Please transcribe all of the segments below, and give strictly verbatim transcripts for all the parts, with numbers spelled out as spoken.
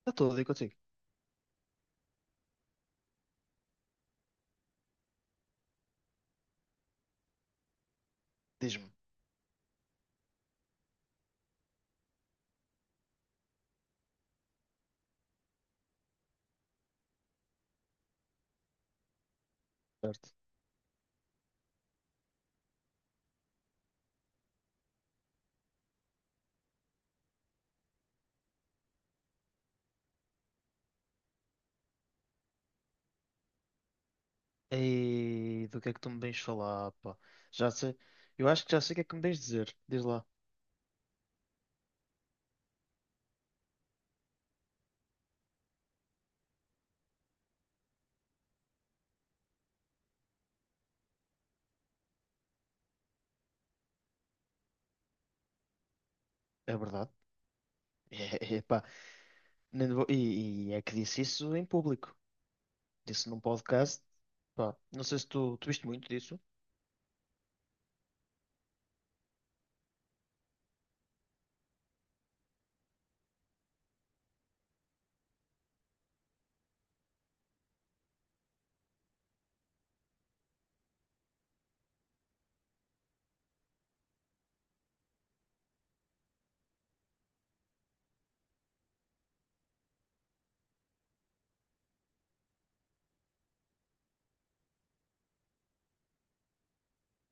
Está tudo aí contigo. Diz-me. Certo. E do que é que tu me vens falar, pá? Já sei. Eu acho que já sei o que é que me vens dizer. Diz lá. É verdade. É, é, pá. Nem vou- E, e é que disse isso em público. Disse num podcast. Pá, não sei se tu, tu viste muito disso,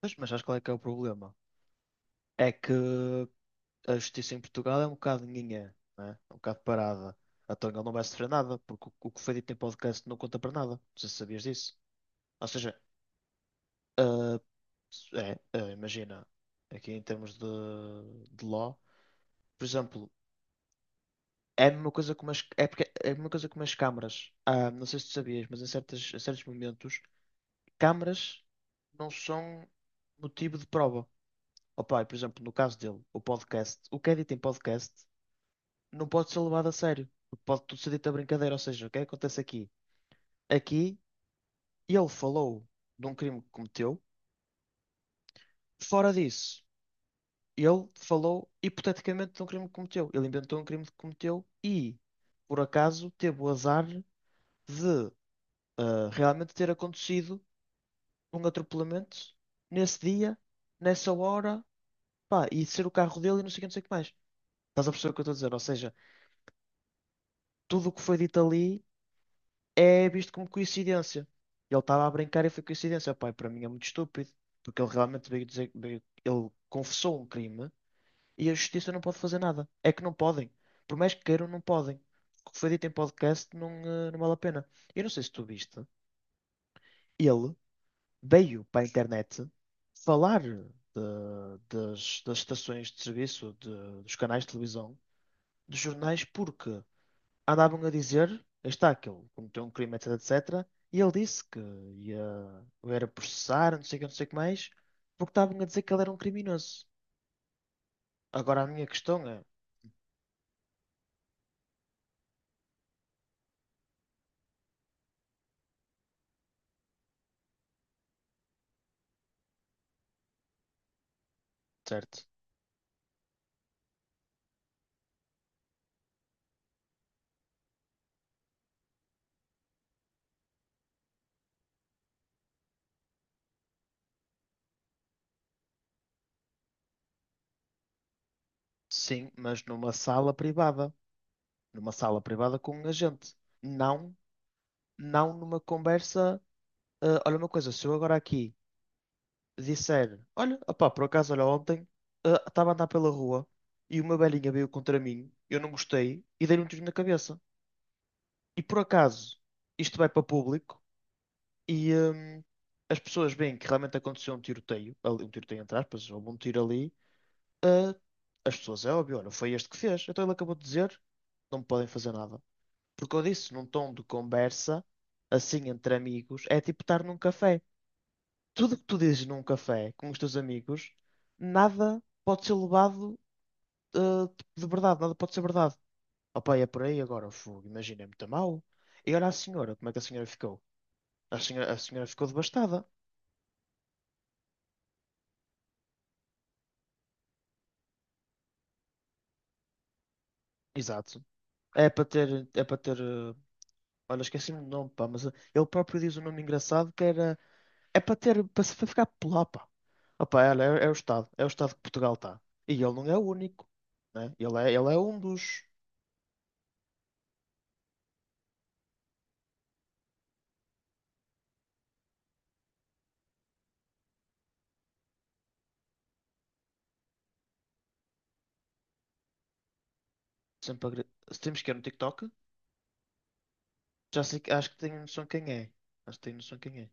mas, mas sabes qual é que é o problema? É que a justiça em Portugal é um bocado ninguém, não é? É um bocado parada. Então ele não vai sofrer nada, porque o, o que foi dito em podcast não conta para nada. Não sei se sabias disso. Ou seja, ah, É, eh, imagina, aqui em termos de, de law, por exemplo, é a mesma coisa com umas, é porque, é a mesma coisa com umas câmaras. Ah, não sei se tu sabias, mas em certas, em certos momentos, câmaras não são motivo de prova. Opa, e, por exemplo, no caso dele, o podcast, o que é dito em podcast não pode ser levado a sério, porque pode tudo ser dito a brincadeira. Ou seja, o que é que acontece aqui? Aqui ele falou de um crime que cometeu, fora disso. Ele falou hipoteticamente de um crime que cometeu. Ele inventou um crime que cometeu e, por acaso, teve o azar de ah, realmente ter acontecido um atropelamento nesse dia, nessa hora, pá, e ser o carro dele e não sei o que, não sei o que mais. Estás a perceber o que eu estou a dizer? Ou seja, tudo o que foi dito ali é visto como coincidência. Ele estava a brincar e foi coincidência. Pá, e para mim é muito estúpido, porque ele realmente veio dizer, veio- ele confessou um crime. E a justiça não pode fazer nada. É que não podem. Por mais que queiram, não podem. O que foi dito em podcast não, eh, não vale a pena. Eu não sei se tu viste. Ele veio para a internet falar de- das, das estações de serviço, de- dos canais de televisão, dos jornais, porque andavam a dizer, está aquele, cometeu um crime, etc, etcétera. E ele disse que ia, o era processar, não sei o que, não sei o que mais, porque estavam a dizer que ele era um criminoso. Agora a minha questão é, certo? Sim, mas numa sala privada. Numa sala privada com um agente. Não, não numa conversa. Ah, olha uma coisa, se eu agora aqui disser, olha, opá, por acaso, olha, ontem ah, estava a andar pela rua e uma velhinha veio contra mim, eu não gostei e dei-lhe um tiro na cabeça. E por acaso, isto vai para público e hum, as pessoas veem que realmente aconteceu um tiroteio, ali- um tiroteio entre aspas, houve um tiro ali, ah, as pessoas, é óbvio, olha, foi este que fez. Então ele acabou de dizer, não me podem fazer nada. Porque eu disse num tom de conversa, assim entre amigos, é tipo estar num café. Tudo que tu dizes num café com os teus amigos, nada pode ser levado eh, tipo, de verdade, nada pode ser verdade. Opa, é por aí agora, fogo, imagina, é muito mau. E olha a senhora, como é que a senhora ficou? A senhora, a senhora ficou devastada. Exato. É para ter, é para ter, eh, olha, esqueci-me do nome, pá, mas eh, ele próprio diz um nome engraçado que era. É para ter, para se- para ficar pela. Opa, olha, é, é o Estado, é o Estado que Portugal está. E ele não é o único, né? Ele é, ele é um dos. Sempre, agre- se temos que ir no TikTok, já sei, que- acho que tenho noção quem é. Acho que tenho noção quem é.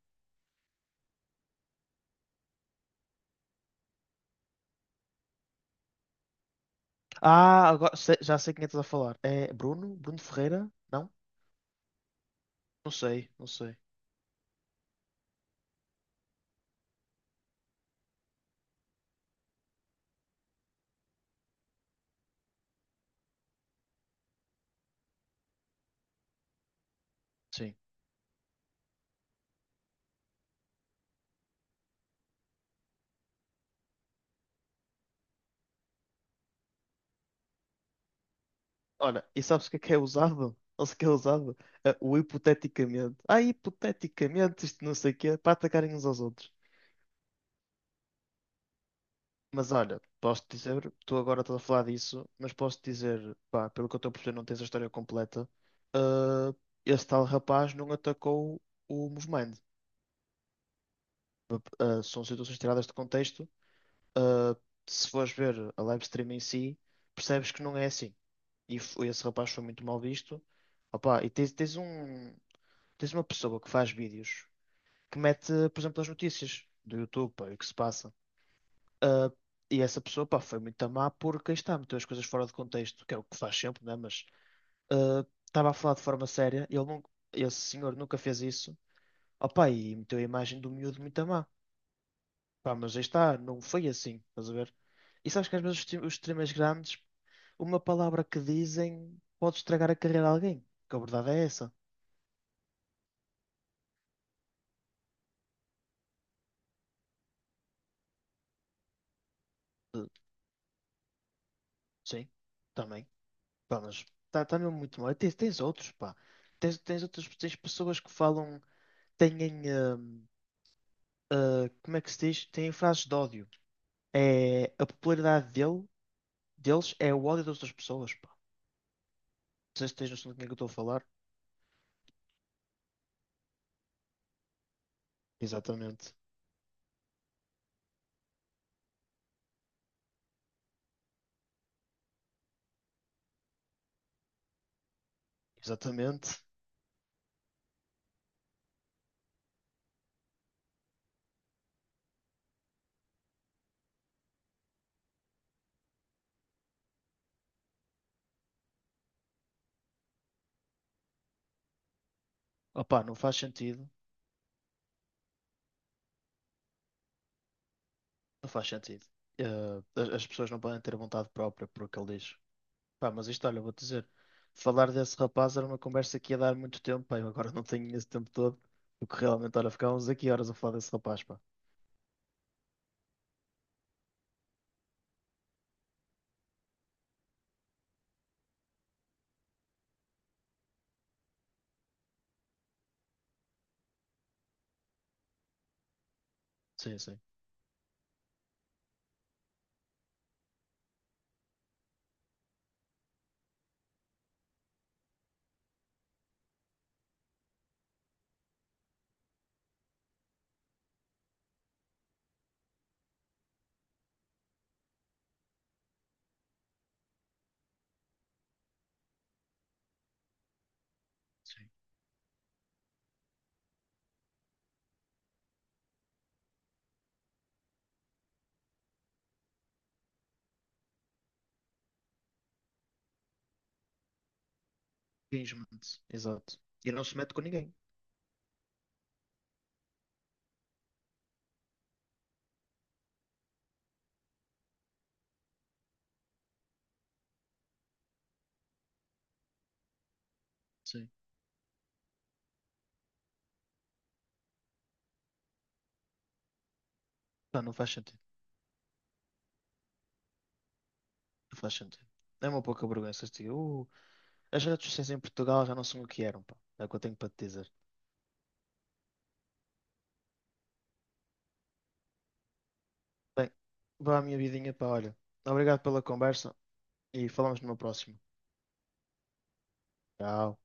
Ah, agora sei- já sei quem é que estás a falar. É Bruno? Bruno Ferreira? Não? Não sei, não sei. Sim. Olha, e sabes o que é que é usado? Sabes o que é usado? É o hipoteticamente. Ah, hipoteticamente, isto não sei o quê, para atacarem uns aos outros. Mas olha, posso-te dizer, tu agora estás a falar disso, mas posso-te dizer, pá, pelo que eu estou a perceber, não tens a história completa. ah, Esse tal rapaz não atacou o movimento. Ah, ah, São situações tiradas de contexto. Ah, Se fores ver a live stream em si, percebes que não é assim. E foi- esse rapaz foi muito mal visto. Opa, e tens, tens um, tens uma pessoa que faz vídeos que mete, por exemplo, as notícias do YouTube, pá, e o que se passa. Ah, e essa pessoa, pá, foi muito má porque aí está, meteu as coisas fora de contexto, que é o que faz sempre, né? Mas ah, estava a falar de forma séria, ele não, esse senhor nunca fez isso, opá, e meteu a imagem do miúdo muito má. Pá, mas aí está, não foi assim, estás a ver? E sabes que às vezes os, stream- os streamers grandes, uma palavra que dizem pode estragar a carreira de alguém, que a verdade é essa. Eh, Sim, também. Pá, mas está tá tá mesmo muito mal. E Tens, tens outros, pá. Tens, tens outras tens pessoas que falam, têm. ah, uh, como é que se diz? Têm frases de ódio. É, a popularidade dele, deles é o ódio das outras pessoas, pá. Não sei se tens noção do que é que eu estou a falar. Exatamente. Exatamente. Opá, não faz sentido. Não faz sentido. Uh, as, as pessoas não podem ter vontade própria por o que ele diz. Pá, mas isto, olha, vou-te dizer. Falar desse rapaz era uma conversa que ia dar muito tempo, pá. Eu agora não tenho esse tempo todo. Porque realmente, olha, ficávamos aqui horas a falar desse rapaz, pá. Sim, sim. Sim. Infelizmente. Exato. E não se mete com ninguém. Sim. Pá, não faz sentido. Não faz sentido. É uma pouca vergonha. Se diga, "Uh, as redes sociais em Portugal já não são o que eram, pá. É o que eu tenho para te dizer. Bem, vá à minha vidinha, pá, olha. Obrigado pela conversa e falamos numa próxima. Tchau.